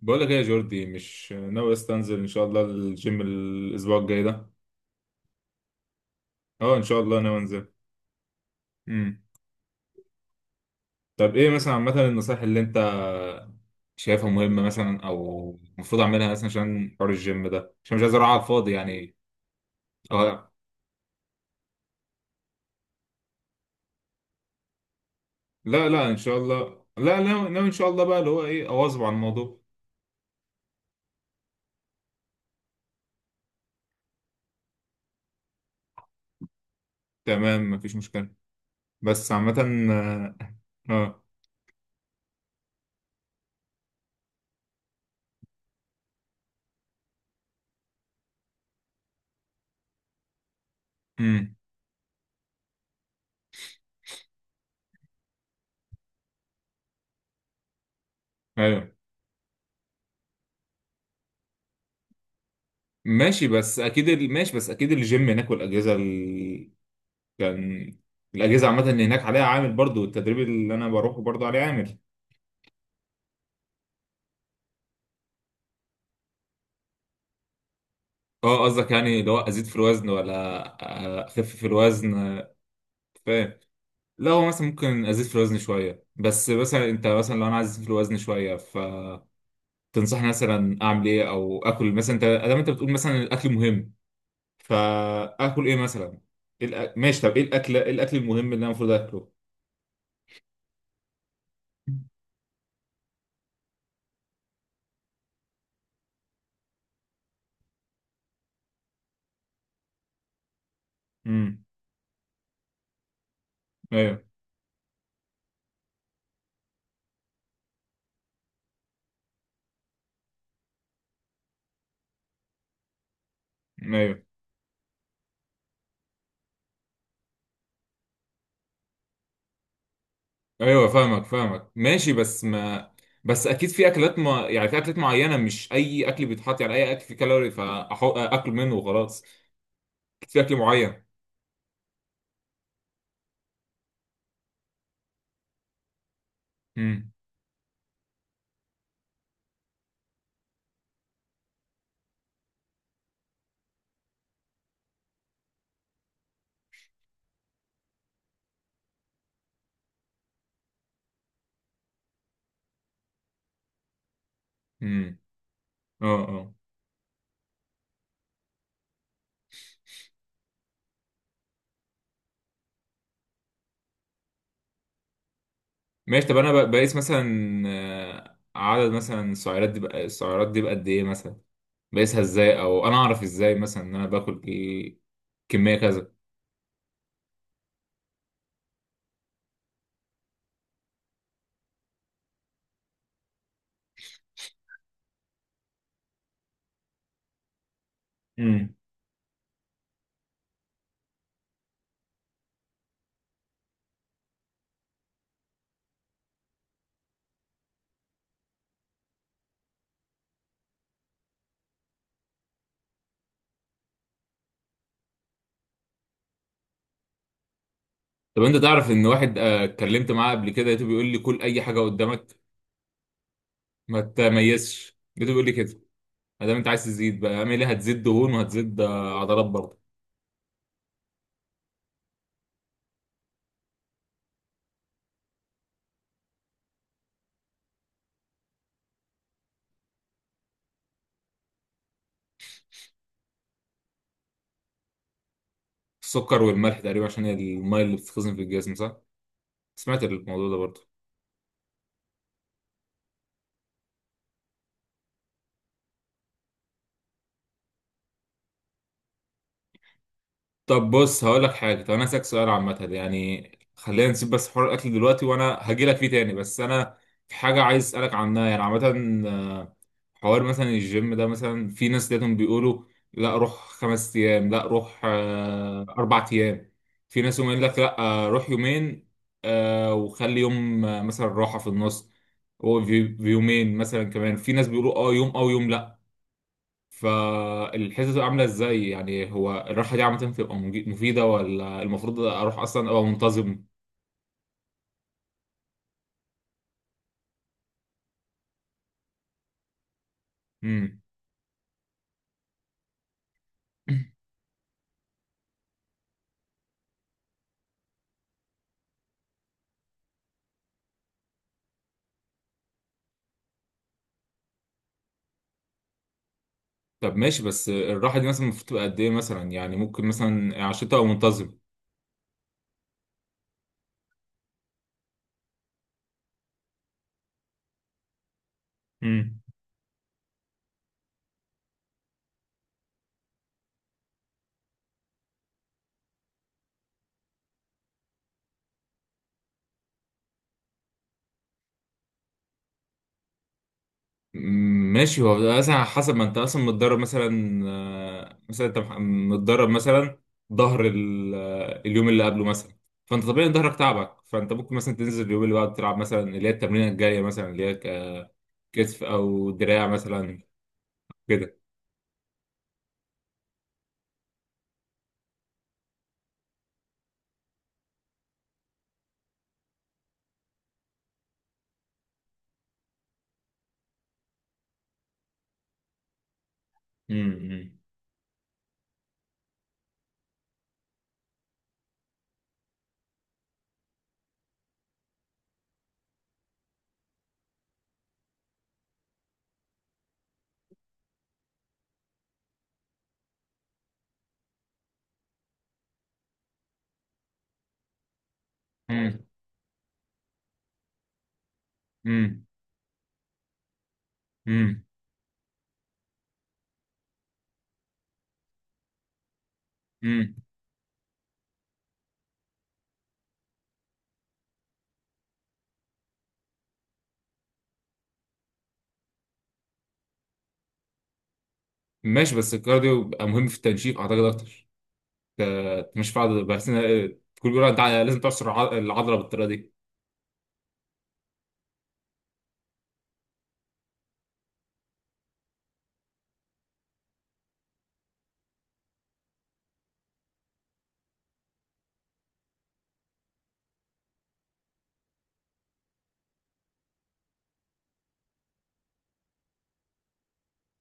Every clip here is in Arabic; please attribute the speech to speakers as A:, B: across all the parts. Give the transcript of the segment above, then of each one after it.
A: بقول لك ايه يا جوردي، مش ناوي استنزل ان شاء الله الجيم الاسبوع الجاي ده. اه ان شاء الله ناوي انزل. امم طب ايه مثلا عامه النصائح اللي انت شايفها مهمه مثلا او المفروض اعملها مثلا عشان حوار الجيم ده، عشان مش عايز اروح على الفاضي يعني؟ اه. لا لا ان شاء الله، لا لا ناوي ان شاء الله بقى اللي هو ايه، اواظب على الموضوع. تمام، مفيش مشكله. بس عامه. اه. آه، امم ايوه. ماشي بس اكيد الجيم هناك والاجهزه ال- كان الاجهزه عامه اللي هناك عليها عامل برضو، التدريب اللي انا بروحه برضو عليه عامل. اه، قصدك يعني لو ازيد في الوزن ولا اخف في الوزن؟ فاهم. لا، هو مثلا ممكن ازيد في الوزن شويه، بس مثلا انت مثلا لو انا عايز ازيد في الوزن شويه فتنصحني مثلا اعمل ايه او اكل مثلا، انت ادام انت بتقول مثلا الاكل مهم، فاكل ايه مثلا؟ إيه ماشي، طب ايه الاكل، ايه الاكل المهم اللي انا المفروض اكله؟ امم ايوه، ايوه، ايوه فاهمك فاهمك ماشي بس ما. بس اكيد في اكلات ما يعني في اكلات معينه، مش اي اكل بيتحط، يعني اي اكل فيه كالوري فاحط اكل منه وخلاص؟ اكيد في اكل معين. امم. امم. اه، اه. ماشي، طب انا بقيس مثلا عدد مثلا السعرات دي بقى، قد ايه مثلا؟ بقيسها ازاي، او انا اعرف ازاي مثلا ان انا باكل ايه كميه كذا؟ امم. طب انت تعرف ان واحد اتكلمت معاه قبل كده، لقيته بيقول لي كل اي حاجه قدامك، ما تميزش، لقيته بيقول لي كده. ما دام انت عايز تزيد بقى، اعمل ايه؟ هتزيد دهون وهتزيد عضلات برضه؟ السكر والملح تقريبا، عشان هي الميه اللي بتتخزن في الجسم، صح؟ سمعت الموضوع ده برضه. طب بص هقول لك حاجه، طب انا هسألك سؤال عامه يعني، خلينا نسيب بس حوار الاكل دلوقتي وانا هجي لك فيه تاني، بس انا في حاجه عايز اسالك عنها يعني عامه. حوار مثلا الجيم ده، مثلا في ناس دايما بيقولوا لا روح خمس ايام، لا روح اربع ايام، في ناس يقول لك لا روح يومين وخلي يوم مثلا راحة في النص، ويومين مثلا كمان، في ناس بيقولوا اه يوم او يوم لا. فالحته بتبقى عامله ازاي يعني؟ هو الراحه دي عامه بتبقى مفيده، ولا المفروض اروح اصلا ابقى منتظم؟ امم. طب ماشي، بس الراحه دي مثلا المفروض تبقى قد ايه مثلا؟ يعني ممكن مثلا عشان تبقى منتظم. ماشي، هو بيبقى مثلا على حسب ما انت اصلا متدرب مثلا، مثلا انت متدرب مثلا ظهر اليوم اللي قبله مثلا، فانت طبيعي إن ظهرك تعبك، فانت ممكن مثلا تنزل اليوم اللي بعده تلعب مثلا اللي هي التمرينه الجايه مثلا اللي هي كتف او دراع مثلا كده. امم. امم. امم. امم. امم. ماشي، بس الكارديو بيبقى مهم في التنشيف، اعتقد اكتر. مش فاضي، بس كل بيقولوا انت لازم تعصر العضله بالطريقه دي.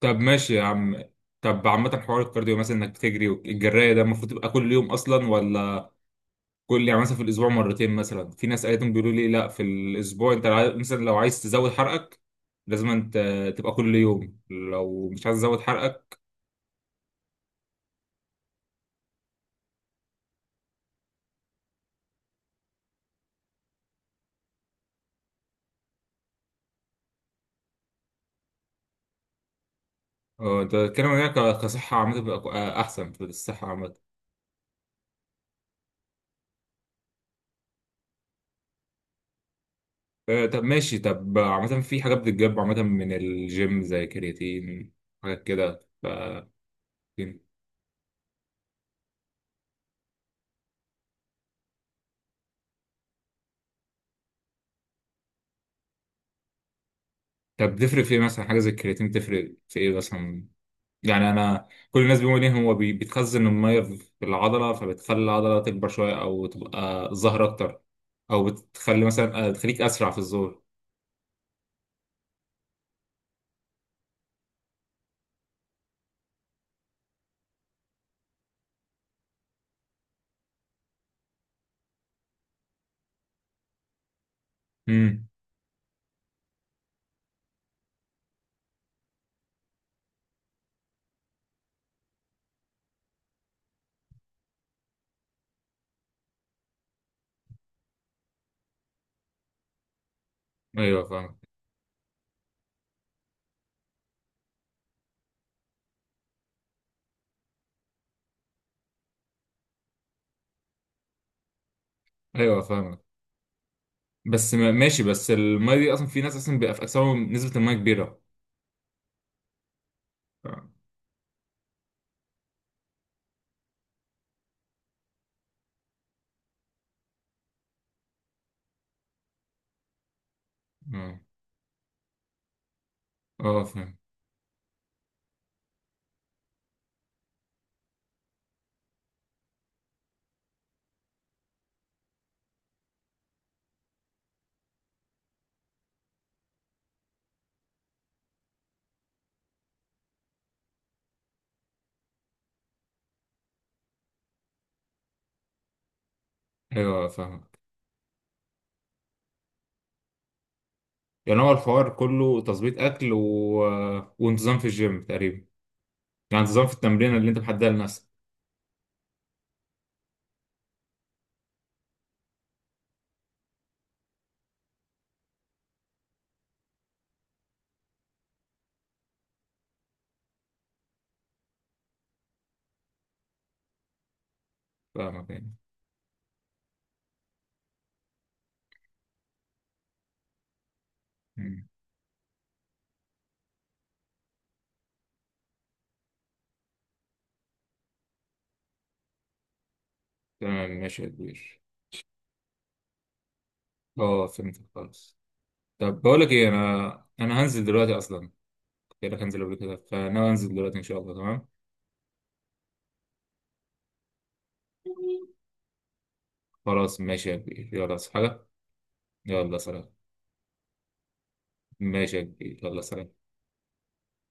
A: طب ماشي يا عم، طب عامة حوار الكارديو مثلا، انك بتجري والجراية ده، المفروض تبقى كل يوم اصلا، ولا كل يعني مثلا في الاسبوع مرتين مثلا؟ في ناس قالتهم بيقولوا لي لا، في الاسبوع انت مثلا لو عايز تزود حرقك لازم انت تبقى كل يوم، لو مش عايز تزود حرقك. اه، انت بتتكلم عن إنها كصحة عامة، تبقى احسن في الصحة عامة؟ اه، طب ماشي، طب عامة في حاجات بتتجاب عامة من الجيم زي كرياتين، حاجات كده ف... طب بتفرق في ايه مثلا حاجة زي الكرياتين، بتفرق في ايه مثلا؟ يعني انا كل الناس بيقولوا ليه، هو بيتخزن الميه في العضله فبتخلي العضله تكبر شويه او تبقى ظهر اكتر، او بتخلي مثلا تخليك اسرع في الظهور. امم. ايوه فاهم. ايوه فاهم. بس ماشي، بس الميه دي اصلا في ناس اصلا بيبقى في اجسامهم نسبه الميه كبيره، ف- اه. فاهم. ايوه فاهم. يعني هو الحوار كله تظبيط اكل و... وانتظام في الجيم تقريبا، يعني انتظام في التمرين اللي انت محددها لنفسك. فاهمك يعني. مم. تمام، ماشي يا كبير. اه، فهمت خالص. طب بقول لك ايه، انا هنزل دلوقتي اصلا، كنت قايل لك هنزل قبل كده، فانا هنزل دلوقتي ان شاء الله، تمام. خلاص ماشي يا كبير، يلا صحى حاجه. يلا سلام. ماشي يا كبير، يلا سلام.